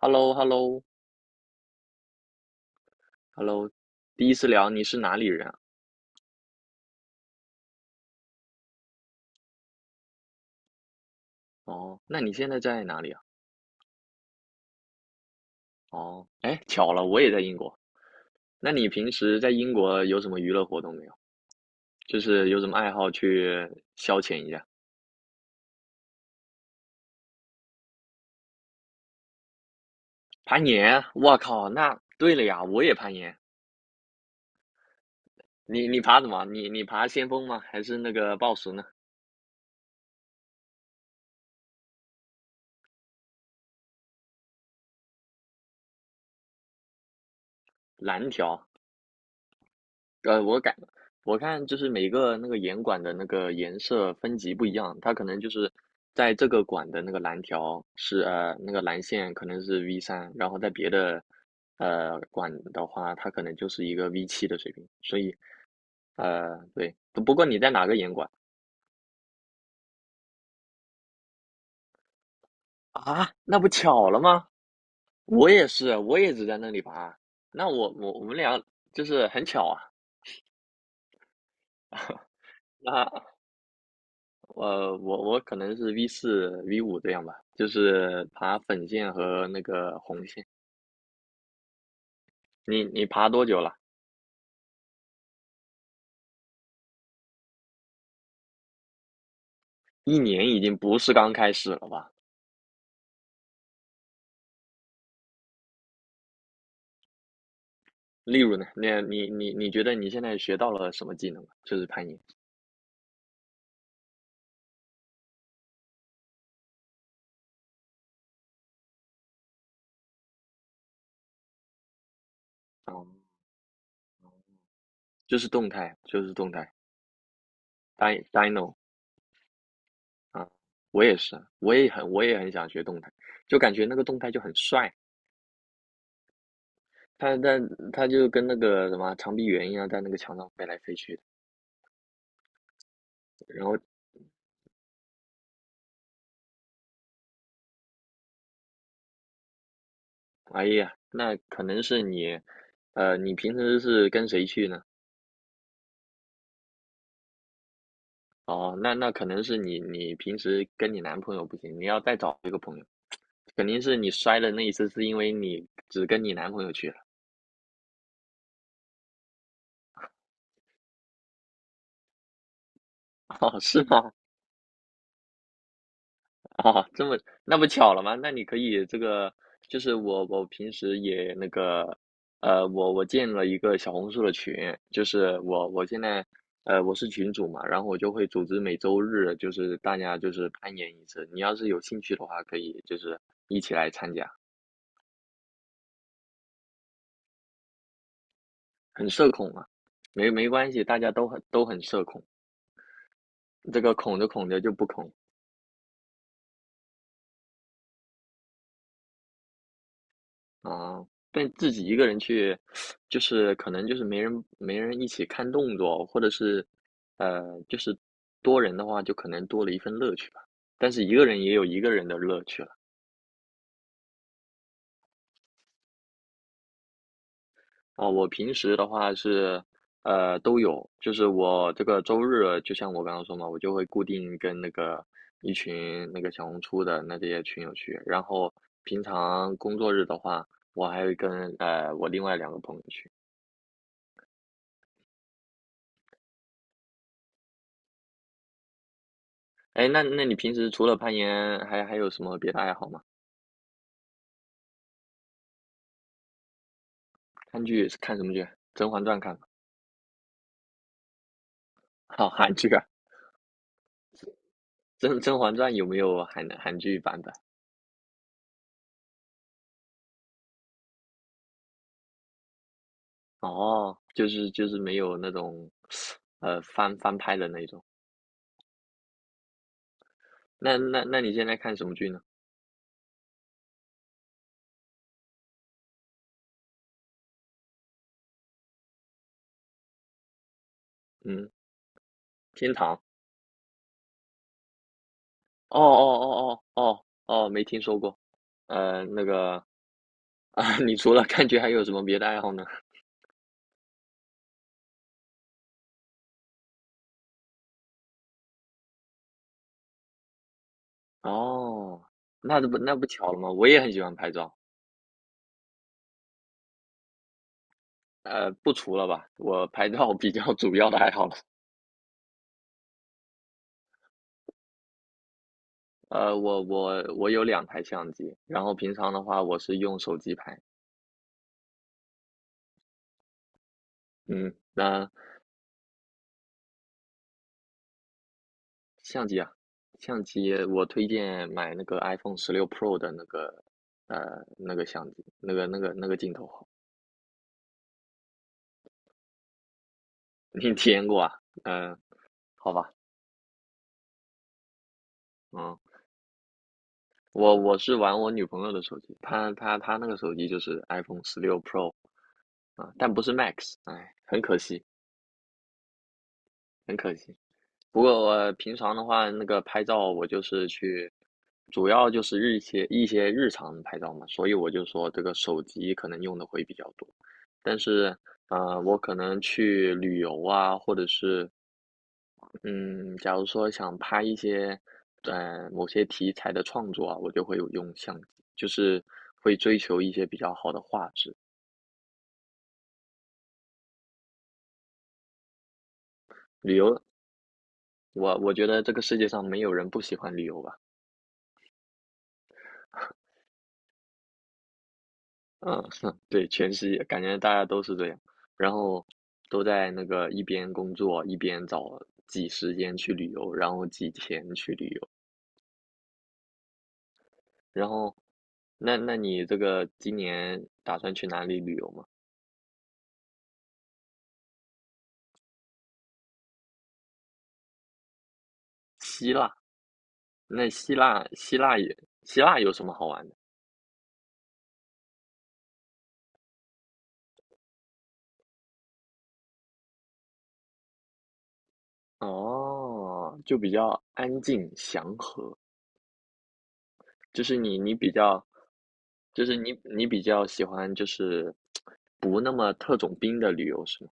h e l l o h e l l o h e l l o 第一次聊你是哪里人啊？哦，那你现在在哪里啊？哦，哎，巧了，我也在英国。那你平时在英国有什么娱乐活动没有？就是有什么爱好去消遣一下？攀岩？我靠，那对了呀，我也攀岩。你爬什么？你爬先锋吗？还是那个抱石呢？蓝条？我改了，我看就是每个那个严管的那个颜色分级不一样，它可能就是在这个管的那个蓝条是那个蓝线可能是 V3，然后在别的管的话，它可能就是一个 V7的水平，所以对，不过你在哪个严管啊？那不巧了吗？我也是，我也只在那里爬，那我们俩就是很巧啊，我可能是 V4 V5这样吧，就是爬粉线和那个红线。你爬多久了？1年已经不是刚开始了吧？例如呢，那你觉得你现在学到了什么技能？就是攀岩，嗯，就是动态，就是动态 d y d n o 啊，我也是啊，我也很想学动态，就感觉那个动态就很帅，他它他就跟那个什么长臂猿一样，在那个墙上飞来飞去的，然后哎呀，那可能是你，你平时是跟谁去呢？哦，那可能是你，你平时跟你男朋友不行，你要再找一个朋友，肯定是你摔的那一次是因为你只跟你男朋友去了。哦，是吗？哦，这么那不巧了吗？那你可以这个，就是我平时也那个，我建了一个小红书的群，就是我现在我是群主嘛，然后我就会组织每周日就是大家就是攀岩一次，你要是有兴趣的话，可以就是一起来参加，很社恐啊，没关系，大家都很社恐，这个恐着恐着就不恐啊，但自己一个人去，就是可能就是没人一起看动作，或者是，就是多人的话，就可能多了一份乐趣吧。但是一个人也有一个人的乐趣了。哦，我平时的话是，都有，就是我这个周日，就像我刚刚说嘛，我就会固定跟那个一群那个小红书的那这些群友去，然后平常工作日的话，我还会跟我另外两个朋友去。哎，那你平时除了攀岩，还有什么别的爱好吗？看剧是看什么剧？《甄嬛传》看吗？好，韩剧啊，《甄嬛传》有没有韩剧版本？哦，就是没有那种，翻拍的那种。那你现在看什么剧呢？嗯，《天堂》。哦哦哦哦哦哦，没听说过。呃，那个，你除了看剧还有什么别的爱好呢？哦，那不巧了吗？我也很喜欢拍照。不除了吧，我拍照比较主要的爱好了。我有两台相机，然后平常的话我是用手机拍。嗯，那相机啊，相机我推荐买那个 iPhone 十六 Pro 的那个相机，那个镜头好 你体验过啊？嗯、好吧，嗯，我是玩我女朋友的手机，她那个手机就是 iPhone 十六 Pro 啊、但不是 Max，哎，很可惜，很可惜。不过我平常的话，那个拍照我就是去，主要就是日一些一些日常的拍照嘛，所以我就说这个手机可能用的会比较多。但是，我可能去旅游啊，或者是，嗯，假如说想拍一些，某些题材的创作啊，我就会有用相机，就是会追求一些比较好的画质。旅游，我觉得这个世界上没有人不喜欢旅游吧。嗯，对，全世界感觉大家都是这样，然后都在那个一边工作一边找挤时间去旅游，然后挤钱去旅游。然后，那你这个今年打算去哪里旅游吗？希腊，那希腊希腊也希腊有什么好玩的？哦，就比较安静祥和，就是你你比较，就是你比较喜欢就是不那么特种兵的旅游是吗？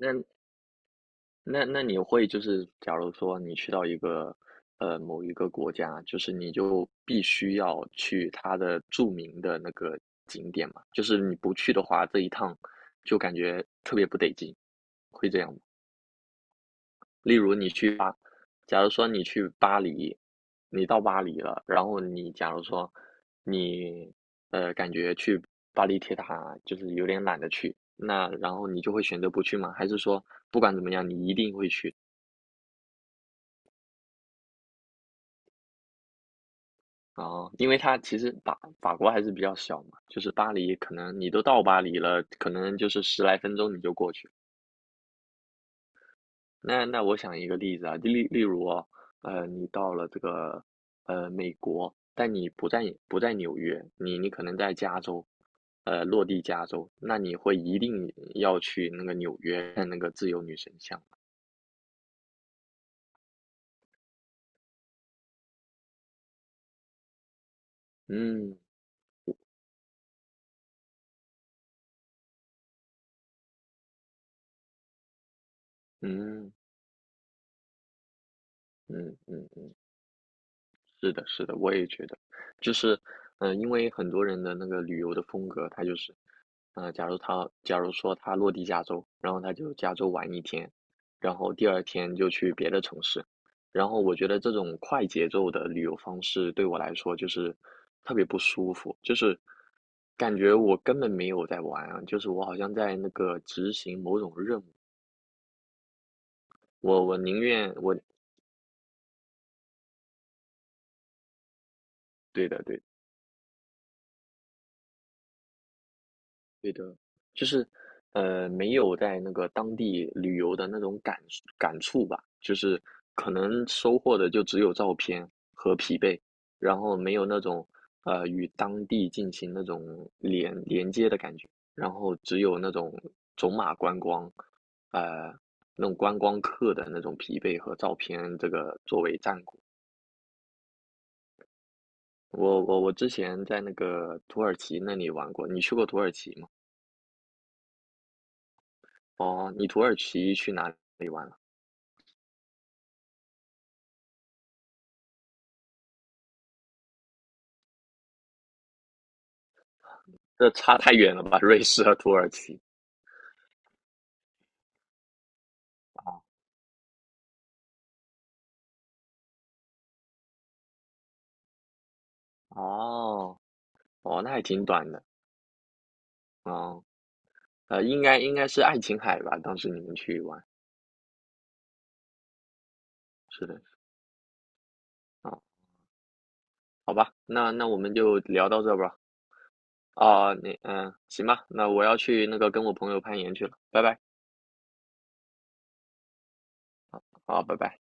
那那你会就是，假如说你去到一个某一个国家，就是你就必须要去它的著名的那个景点嘛，就是你不去的话，这一趟就感觉特别不得劲，会这样吗？例如你去巴，假如说你去巴黎，你到巴黎了，然后你假如说你感觉去巴黎铁塔就是有点懒得去，那然后你就会选择不去吗？还是说不管怎么样，你一定会去？哦，因为它其实法国还是比较小嘛，就是巴黎，可能你都到巴黎了，可能就是十来分钟你就过去了。那我想一个例子啊，例如哦，你到了这个美国，但你不在纽约，你可能在加州，落地加州，那你会一定要去那个纽约看那个自由女神像。嗯嗯嗯嗯，是的，是的，我也觉得，就是，因为很多人的那个旅游的风格，他就是假如他假如说他落地加州，然后他就加州玩一天，然后第二天就去别的城市，然后我觉得这种快节奏的旅游方式对我来说就是特别不舒服，就是感觉我根本没有在玩啊，就是我好像在那个执行某种任务，我宁愿我，对的对的。对的，就是，没有在那个当地旅游的那种感触吧，就是可能收获的就只有照片和疲惫，然后没有那种与当地进行那种连接的感觉，然后只有那种走马观光，呃，那种观光客的那种疲惫和照片，这个作为战果。我之前在那个土耳其那里玩过，你去过土耳其吗？哦，你土耳其去哪里玩了？这差太远了吧？瑞士和土耳其啊，哦，哦，那还挺短的，啊。应该是爱琴海吧？当时你们去玩，是的，啊，好吧，那我们就聊到这吧。啊，行吧，那我要去那个跟我朋友攀岩去了，拜拜，好，拜拜。